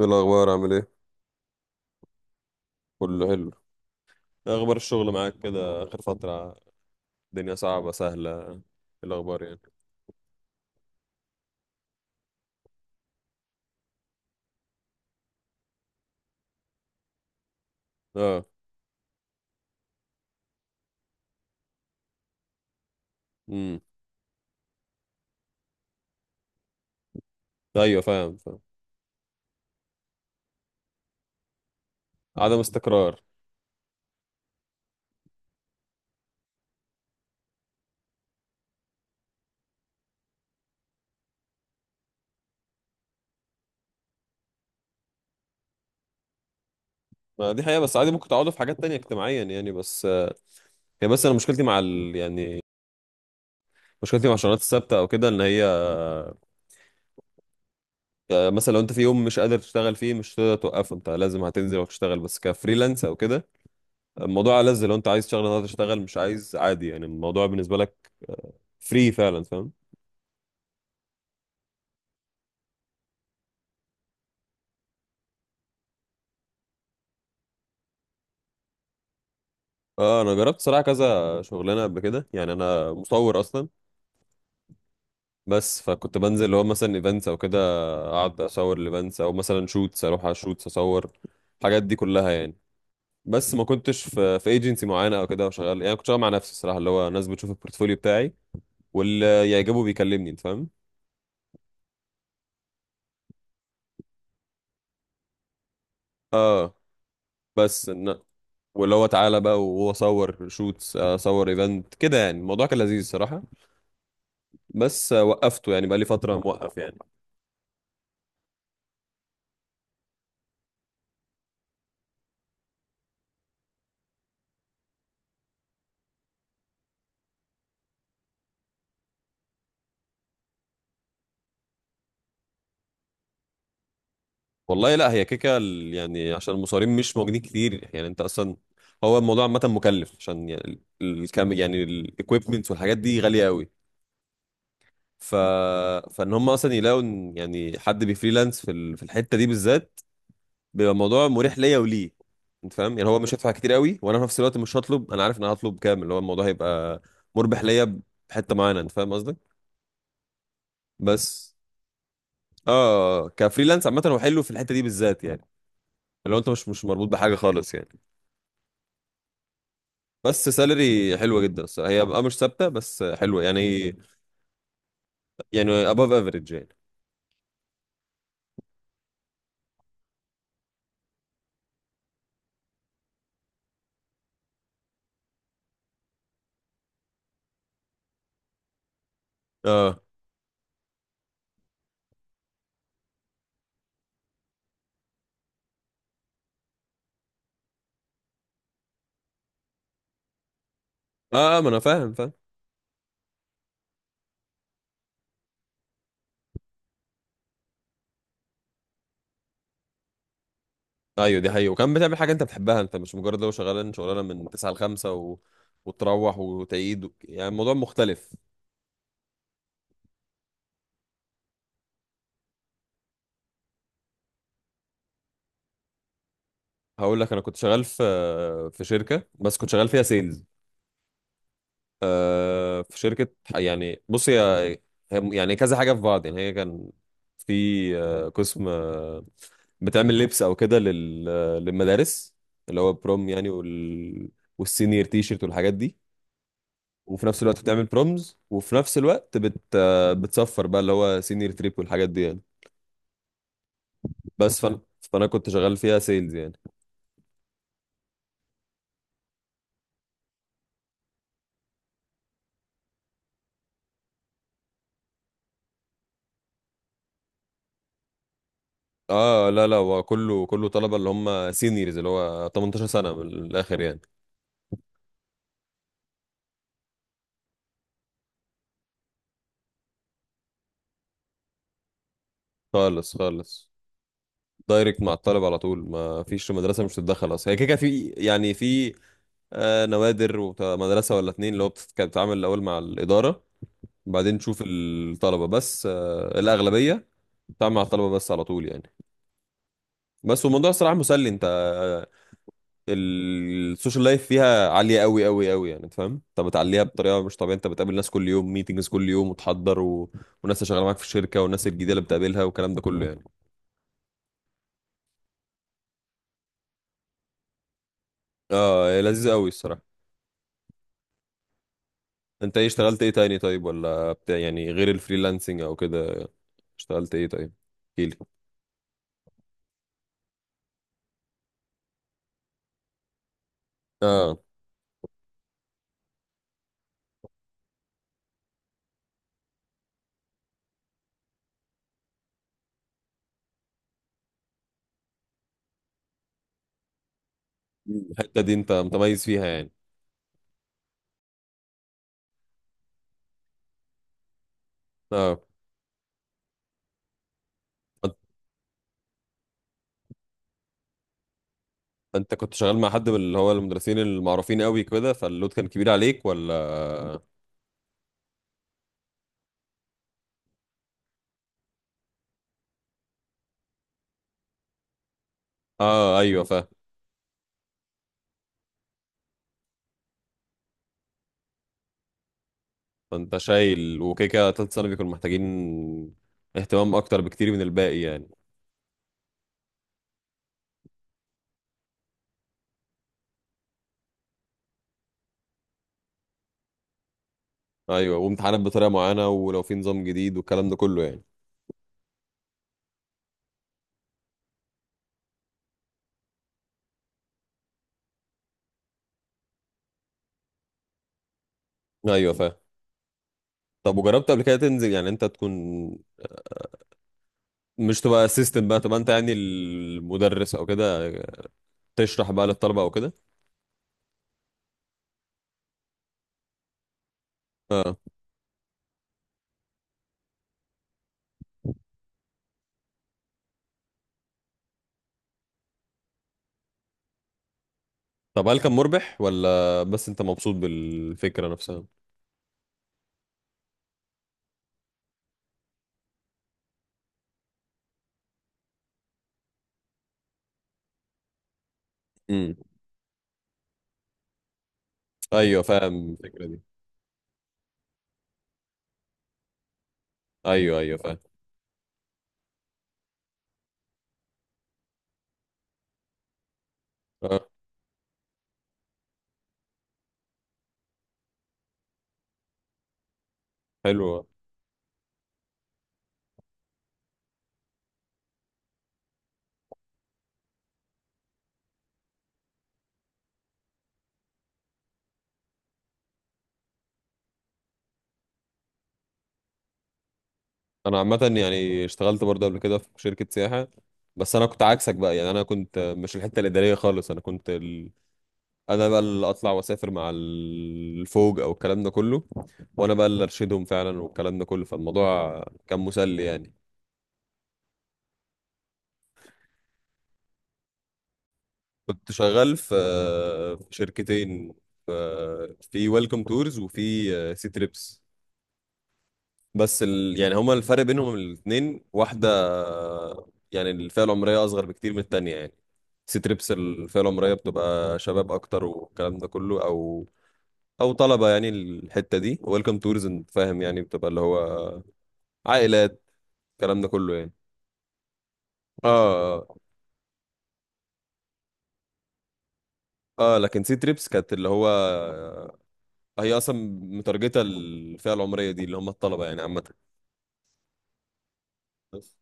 ايه الاخبار؟ عامل ايه؟ كله حلو. إيه اخبار الشغل معاك كده اخر فتره؟ الدنيا صعبه سهله إيه؟ الاخبار يعني. اه. امم. ايوه، فاهم فاهم. عدم استقرار. ما دي حقيقه، بس عادي، ممكن تعوضه في حاجات تانية اجتماعيا يعني بس. هي، بس انا يعني مشكلتي مع الشغلانات الثابته او كده ان هي. مثلا لو انت في يوم مش قادر تشتغل فيه، مش هتقدر توقفه، انت لازم هتنزل وتشتغل، بس كفريلانس او كده الموضوع ألذ. لو انت عايز تشتغل النهارده تشتغل، مش عايز عادي، يعني الموضوع بالنسبه لك فري فعلا، فاهم. اه، انا جربت صراحه كذا شغلانه قبل كده، يعني انا مصور اصلا. بس فكنت بنزل اللي هو مثلا ايفنتس او كده، اقعد اصور الايفنتس، او مثلا شوتس، اروح على شوتس اصور الحاجات دي كلها يعني. بس ما كنتش في ايجنسي معينه او كده وشغال، يعني كنت شغال مع نفسي الصراحه، اللي هو ناس بتشوف البورتفوليو بتاعي واللي يعجبه بيكلمني، انت فاهم. اه، بس واللي هو تعالى بقى وهو صور شوتس اصور ايفنت كده، يعني الموضوع كان لذيذ الصراحه. بس وقفته يعني، بقى لي فتره موقف يعني. والله لا، هي كيكه يعني عشان المصارين مش موجودين كتير، يعني انت اصلا. هو الموضوع عامه مكلف، عشان يعني الكام، يعني الايكويبمنتس والحاجات دي غاليه قوي. ف فان هم مثلا يلاقوا إن يعني حد بيفريلانس في الحته دي بالذات، بيبقى الموضوع مريح ليا وليه، انت فاهم. يعني هو مش هيدفع كتير قوي، وانا في نفس الوقت مش هطلب، انا عارف ان انا هطلب كام، اللي هو الموضوع هيبقى مربح ليا بحته معينه، انت فاهم قصدي، بس. اه كفريلانس عامه هو حلو في الحته دي بالذات يعني، لو انت مش مربوط بحاجه خالص يعني. بس سالري حلوه جدا الصراحه، هي بقى مش ثابته بس حلوه يعني above average يعني. اه، اه، ما انا فاهم فاهم. ايوه دي حقيقة، وكمان بتعمل حاجه انت بتحبها، انت مش مجرد لو شغال شغلانه من 9 ل 5 وتروح وتعيد يعني الموضوع مختلف. هقول لك، انا كنت شغال في شركه، بس كنت شغال فيها سيلز. في شركة، يعني بص، هي يعني كذا حاجة في بعض، يعني هي كان في قسم بتعمل لبس أو كده للمدارس، اللي هو بروم يعني، والسينيور تي شيرت والحاجات دي، وفي نفس الوقت بتعمل برومز، وفي نفس الوقت بت آه، بتصفر بقى اللي هو سينيور تريب والحاجات دي يعني. بس فانا كنت شغال فيها سيلز يعني. اه، لا لا، هو كله كله طلبة اللي هم سينيورز، اللي هو 18 سنة من الآخر يعني. خالص خالص، دايركت مع الطالب على طول، ما فيش مدرسه مش تتدخل اصلا، هي كده كده. في يعني في نوادر ومدرسه ولا اتنين، اللي هو كانت بتتعامل الاول مع الاداره، بعدين تشوف الطلبه. بس الاغلبيه بتتعامل مع الطلبه بس على طول يعني. بس والموضوع الصراحه مسلي، انت. آه، السوشيال لايف فيها عاليه قوي قوي قوي، يعني انت فاهم، انت بتعليها بطريقه مش طبيعيه، انت بتقابل ناس كل يوم، ميتنجز كل يوم، وتحضر والناس اللي شغاله معاك في الشركه، والناس الجديده اللي بتقابلها والكلام ده كله يعني. اه لذيذ قوي الصراحه. انت ايه اشتغلت ايه تاني طيب، ولا بتاع يعني غير الفريلانسنج او كده؟ اشتغلت ايه طيب، احكيلي. اه، الحته دي انت متميز فيها يعني. اه انت انت كنت شغال مع حد من اللي هو المدرسين المعروفين قوي كده، فاللود كان كبير عليك، ولا؟ اه، ايوه فاهم. فانت شايل، وكيكه تالت سنه بيكونوا محتاجين اهتمام اكتر بكتير من الباقي يعني. ايوه وامتحانات بطريقه معينه، ولو في نظام جديد والكلام ده كله يعني. ايوه فاهم. طب وجربت قبل كده تنزل يعني، انت تكون مش تبقى اسيستنت بقى، تبقى انت يعني المدرس او كده، تشرح بقى للطلبه او كده؟ اه. طب هل كان مربح، ولا بس انت مبسوط بالفكره نفسها؟ امم. ايوه فاهم الفكره دي. ايوه ايوه فاهم. اه حلو. انا عامه يعني اشتغلت برضه قبل كده في شركه سياحه، بس انا كنت عكسك بقى، يعني انا كنت مش الحته الاداريه خالص، انا كنت. انا بقى اللي اطلع واسافر مع الفوج او الكلام ده كله، وانا بقى اللي ارشدهم فعلا والكلام ده كله، فالموضوع كان مسلي يعني. كنت شغال في شركتين، في ويلكم تورز وفي سي تريبس. بس يعني هما الفرق بينهم الاثنين واحدة، يعني الفئة العمرية أصغر بكتير من التانية يعني. سي تريبس الفئة العمرية بتبقى شباب أكتر والكلام ده كله، أو طلبة يعني. الحتة دي ويلكم تورز، أنت فاهم يعني، بتبقى اللي هو عائلات الكلام ده كله يعني. اه اه. آه، لكن سي تريبس كانت اللي هو هي اصلا مترجته الفئه العمريه دي، اللي هم الطلبه يعني عامه. بس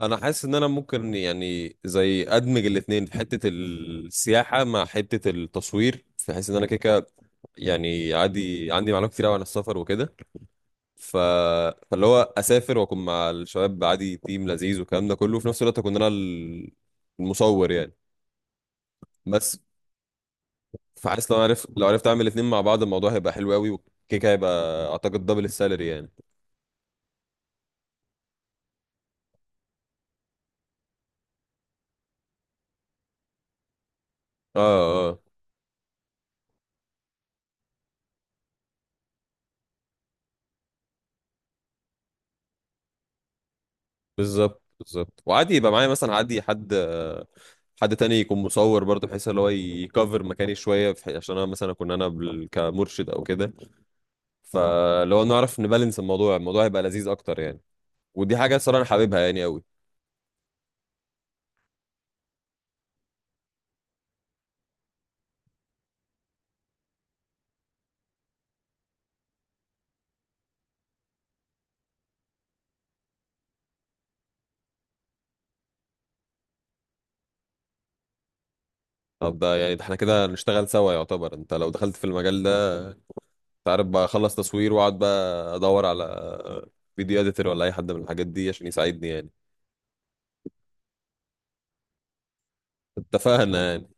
انا حاسس ان انا ممكن يعني زي ادمج الاثنين، في حته السياحه مع حته التصوير، في حيث ان انا كده كده يعني عادي عندي معلومات كتير قوي عن السفر وكده. ف... فاللي هو اسافر واكون مع الشباب، عادي تيم لذيذ والكلام ده كله، وفي نفس الوقت اكون انا المصور يعني. بس فحاسس لو عرفت اعمل الاثنين مع بعض، الموضوع هيبقى حلو قوي، وكيكه هيبقى اعتقد دبل السالري يعني. اه. آه. بالظبط بالظبط، وعادي يبقى معايا مثلا عادي حد تاني يكون مصور برضه، بحيث اللي هو يكفر مكاني شويه عشان انا مثلا اكون انا كمرشد او كده. فلو نعرف نبالانس الموضوع، الموضوع هيبقى لذيذ اكتر يعني. ودي حاجه الصراحه انا حاببها يعني قوي. طب ده، يعني ده احنا كده نشتغل سوا يعتبر. انت لو دخلت في المجال ده، انت عارف بقى، اخلص تصوير واقعد بقى ادور على فيديو اديتور ولا اي حد من الحاجات دي عشان يساعدني يعني. اتفقنا يعني.